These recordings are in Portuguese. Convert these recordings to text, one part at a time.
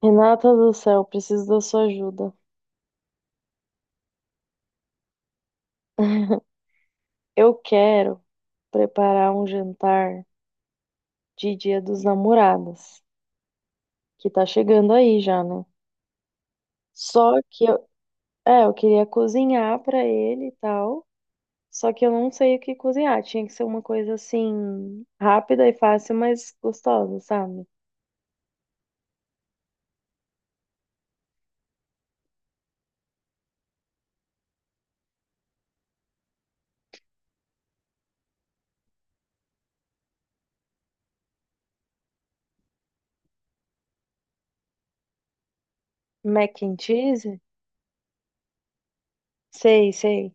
Renata do céu, preciso da sua ajuda. Eu quero preparar um jantar de Dia dos Namorados, que tá chegando aí já, né? Só que eu, eu queria cozinhar pra ele e tal, só que eu não sei o que cozinhar. Tinha que ser uma coisa assim rápida e fácil, mas gostosa, sabe? Mac and cheese? Sei, sei.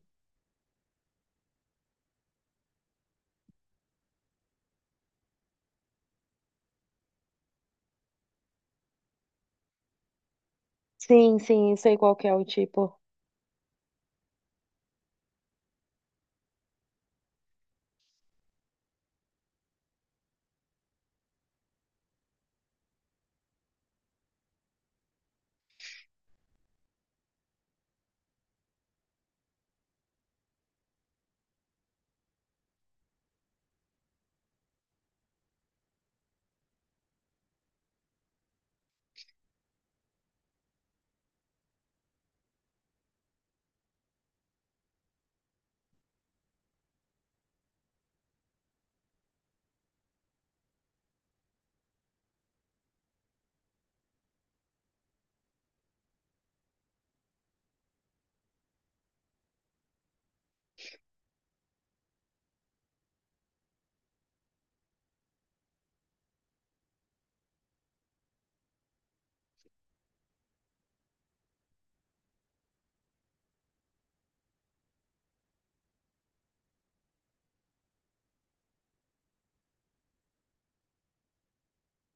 Sim, sim, eu sei qual que é o tipo.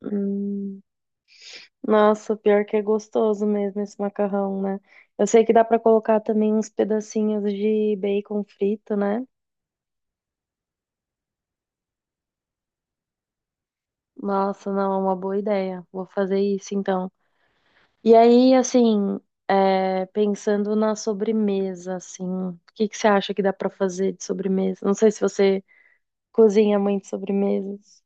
Hum. Nossa, pior que é gostoso mesmo esse macarrão, né? Eu sei que dá pra colocar também uns pedacinhos de bacon frito, né? Nossa, não, é uma boa ideia. Vou fazer isso então. E aí, assim, pensando na sobremesa, assim, o que que você acha que dá pra fazer de sobremesa? Não sei se você cozinha muito sobremesas.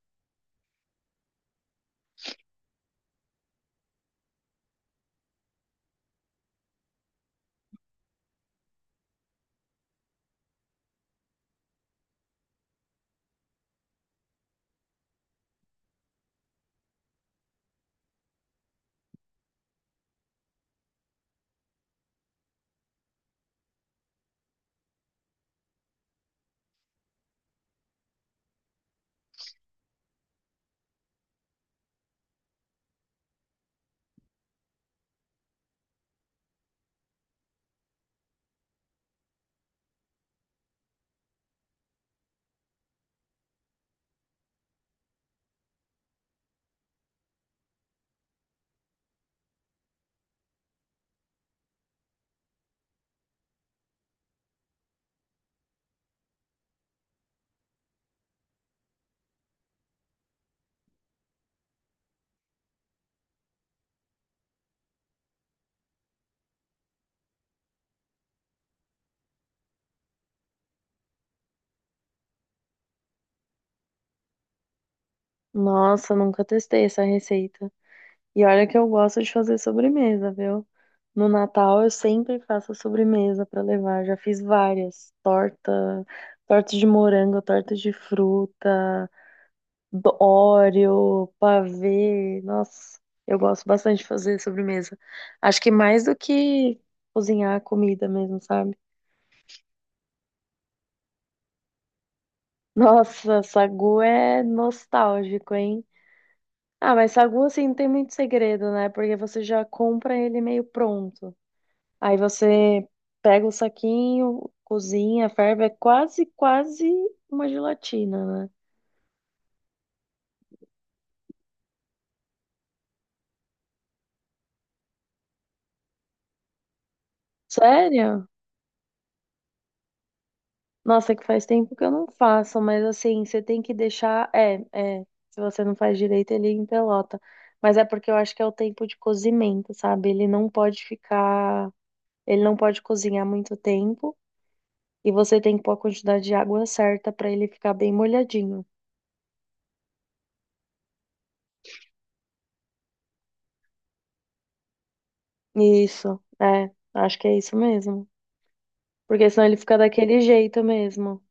Nossa, nunca testei essa receita. E olha que eu gosto de fazer sobremesa, viu? No Natal eu sempre faço sobremesa para levar. Já fiz várias, torta, torta de morango, torta de fruta, Oreo, pavê. Nossa, eu gosto bastante de fazer sobremesa. Acho que mais do que cozinhar a comida mesmo, sabe? Nossa, sagu é nostálgico, hein? Ah, mas sagu assim não tem muito segredo, né? Porque você já compra ele meio pronto. Aí você pega o saquinho, cozinha, ferve, é quase uma gelatina, né? Sério? Nossa, é que faz tempo que eu não faço, mas assim, você tem que deixar. Se você não faz direito, ele empelota. Mas é porque eu acho que é o tempo de cozimento, sabe? Ele não pode ficar. Ele não pode cozinhar muito tempo. E você tem que pôr a quantidade de água certa pra ele ficar bem molhadinho. Isso, é. Acho que é isso mesmo. Porque senão ele fica daquele jeito mesmo.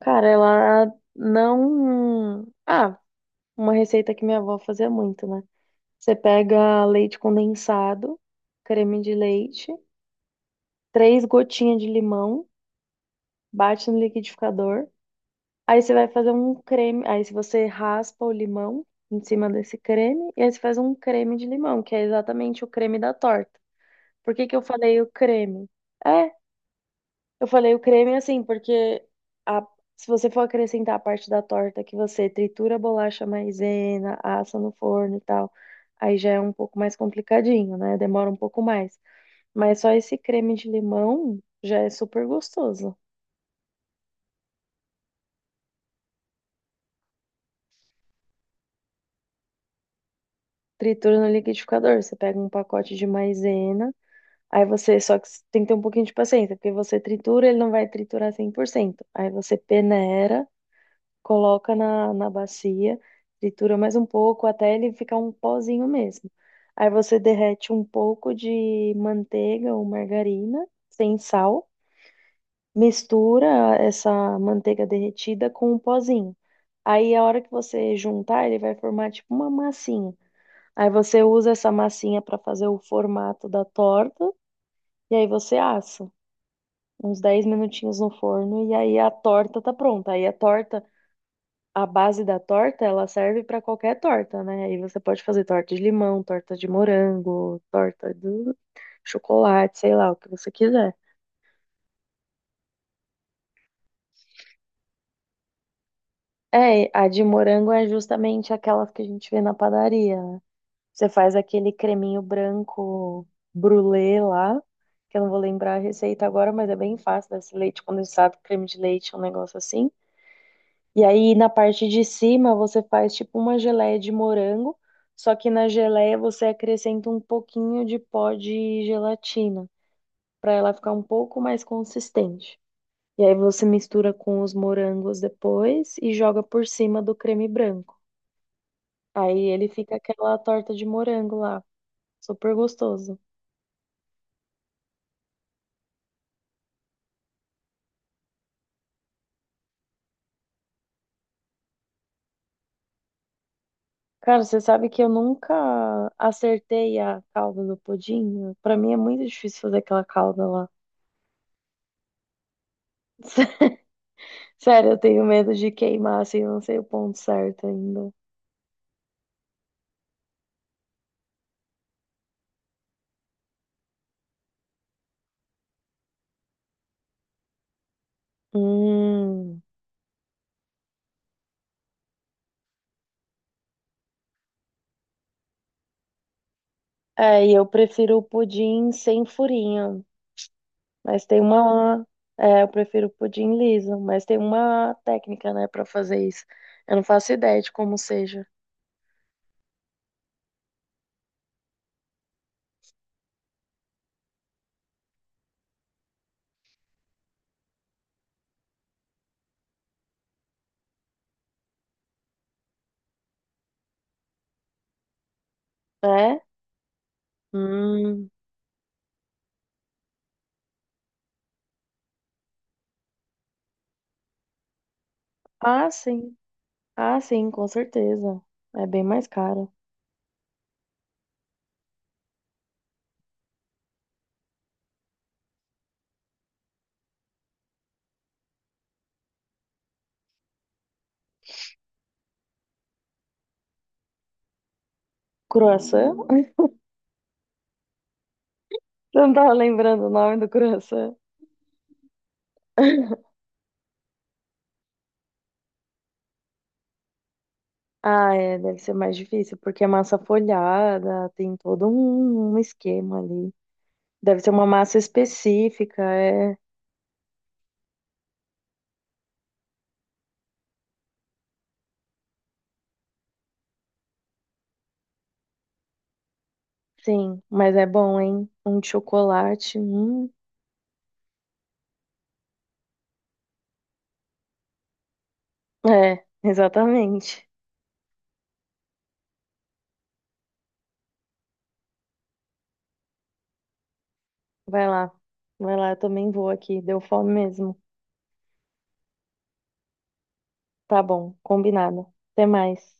Cara, ela não. Ah, uma receita que minha avó fazia muito, né? Você pega leite condensado, creme de leite, três gotinhas de limão, bate no liquidificador. Aí você vai fazer um creme. Aí se você raspa o limão em cima desse creme, e aí você faz um creme de limão, que é exatamente o creme da torta. Por que que eu falei o creme? É. Eu falei o creme é assim, porque a- se você for acrescentar a parte da torta que você tritura a bolacha maisena, assa no forno e tal, aí já é um pouco mais complicadinho, né? Demora um pouco mais. Mas só esse creme de limão já é super gostoso. Tritura no liquidificador, você pega um pacote de maisena, aí você só que tem que ter um pouquinho de paciência, porque você tritura, ele não vai triturar 100%. Aí você peneira, coloca na bacia, tritura mais um pouco até ele ficar um pozinho mesmo. Aí você derrete um pouco de manteiga ou margarina sem sal, mistura essa manteiga derretida com o pozinho. Aí a hora que você juntar, ele vai formar tipo uma massinha. Aí você usa essa massinha para fazer o formato da torta e aí você assa uns 10 minutinhos no forno e aí a torta tá pronta. Aí a torta, a base da torta, ela serve para qualquer torta, né? Aí você pode fazer torta de limão, torta de morango, torta de chocolate, sei lá, o que você quiser. É, a de morango é justamente aquela que a gente vê na padaria, né? Você faz aquele creminho branco brulê lá, que eu não vou lembrar a receita agora, mas é bem fácil, desse leite condensado, creme de leite, um negócio assim. E aí na parte de cima você faz tipo uma geleia de morango, só que na geleia você acrescenta um pouquinho de pó de gelatina, para ela ficar um pouco mais consistente. E aí você mistura com os morangos depois e joga por cima do creme branco. Aí ele fica aquela torta de morango lá, super gostoso. Cara, você sabe que eu nunca acertei a calda do pudim? Para mim é muito difícil fazer aquela calda lá. Sério, eu tenho medo de queimar, assim, eu não sei o ponto certo ainda. Hum. É, e eu prefiro o pudim sem furinho, mas tem uma. É, eu prefiro o pudim liso, mas tem uma técnica, né, pra fazer isso. Eu não faço ideia de como seja. É? Hum. Ah, sim. Ah, sim, com certeza. É bem mais caro. Croissant? Você não tava lembrando o nome do croissant? Ah, é, deve ser mais difícil, porque é massa folhada, tem todo um esquema ali. Deve ser uma massa específica, é. Sim, mas é bom, hein? Um de chocolate. Hum. É, exatamente. Vai lá. Vai lá, eu também vou aqui. Deu fome mesmo. Tá bom, combinado. Até mais.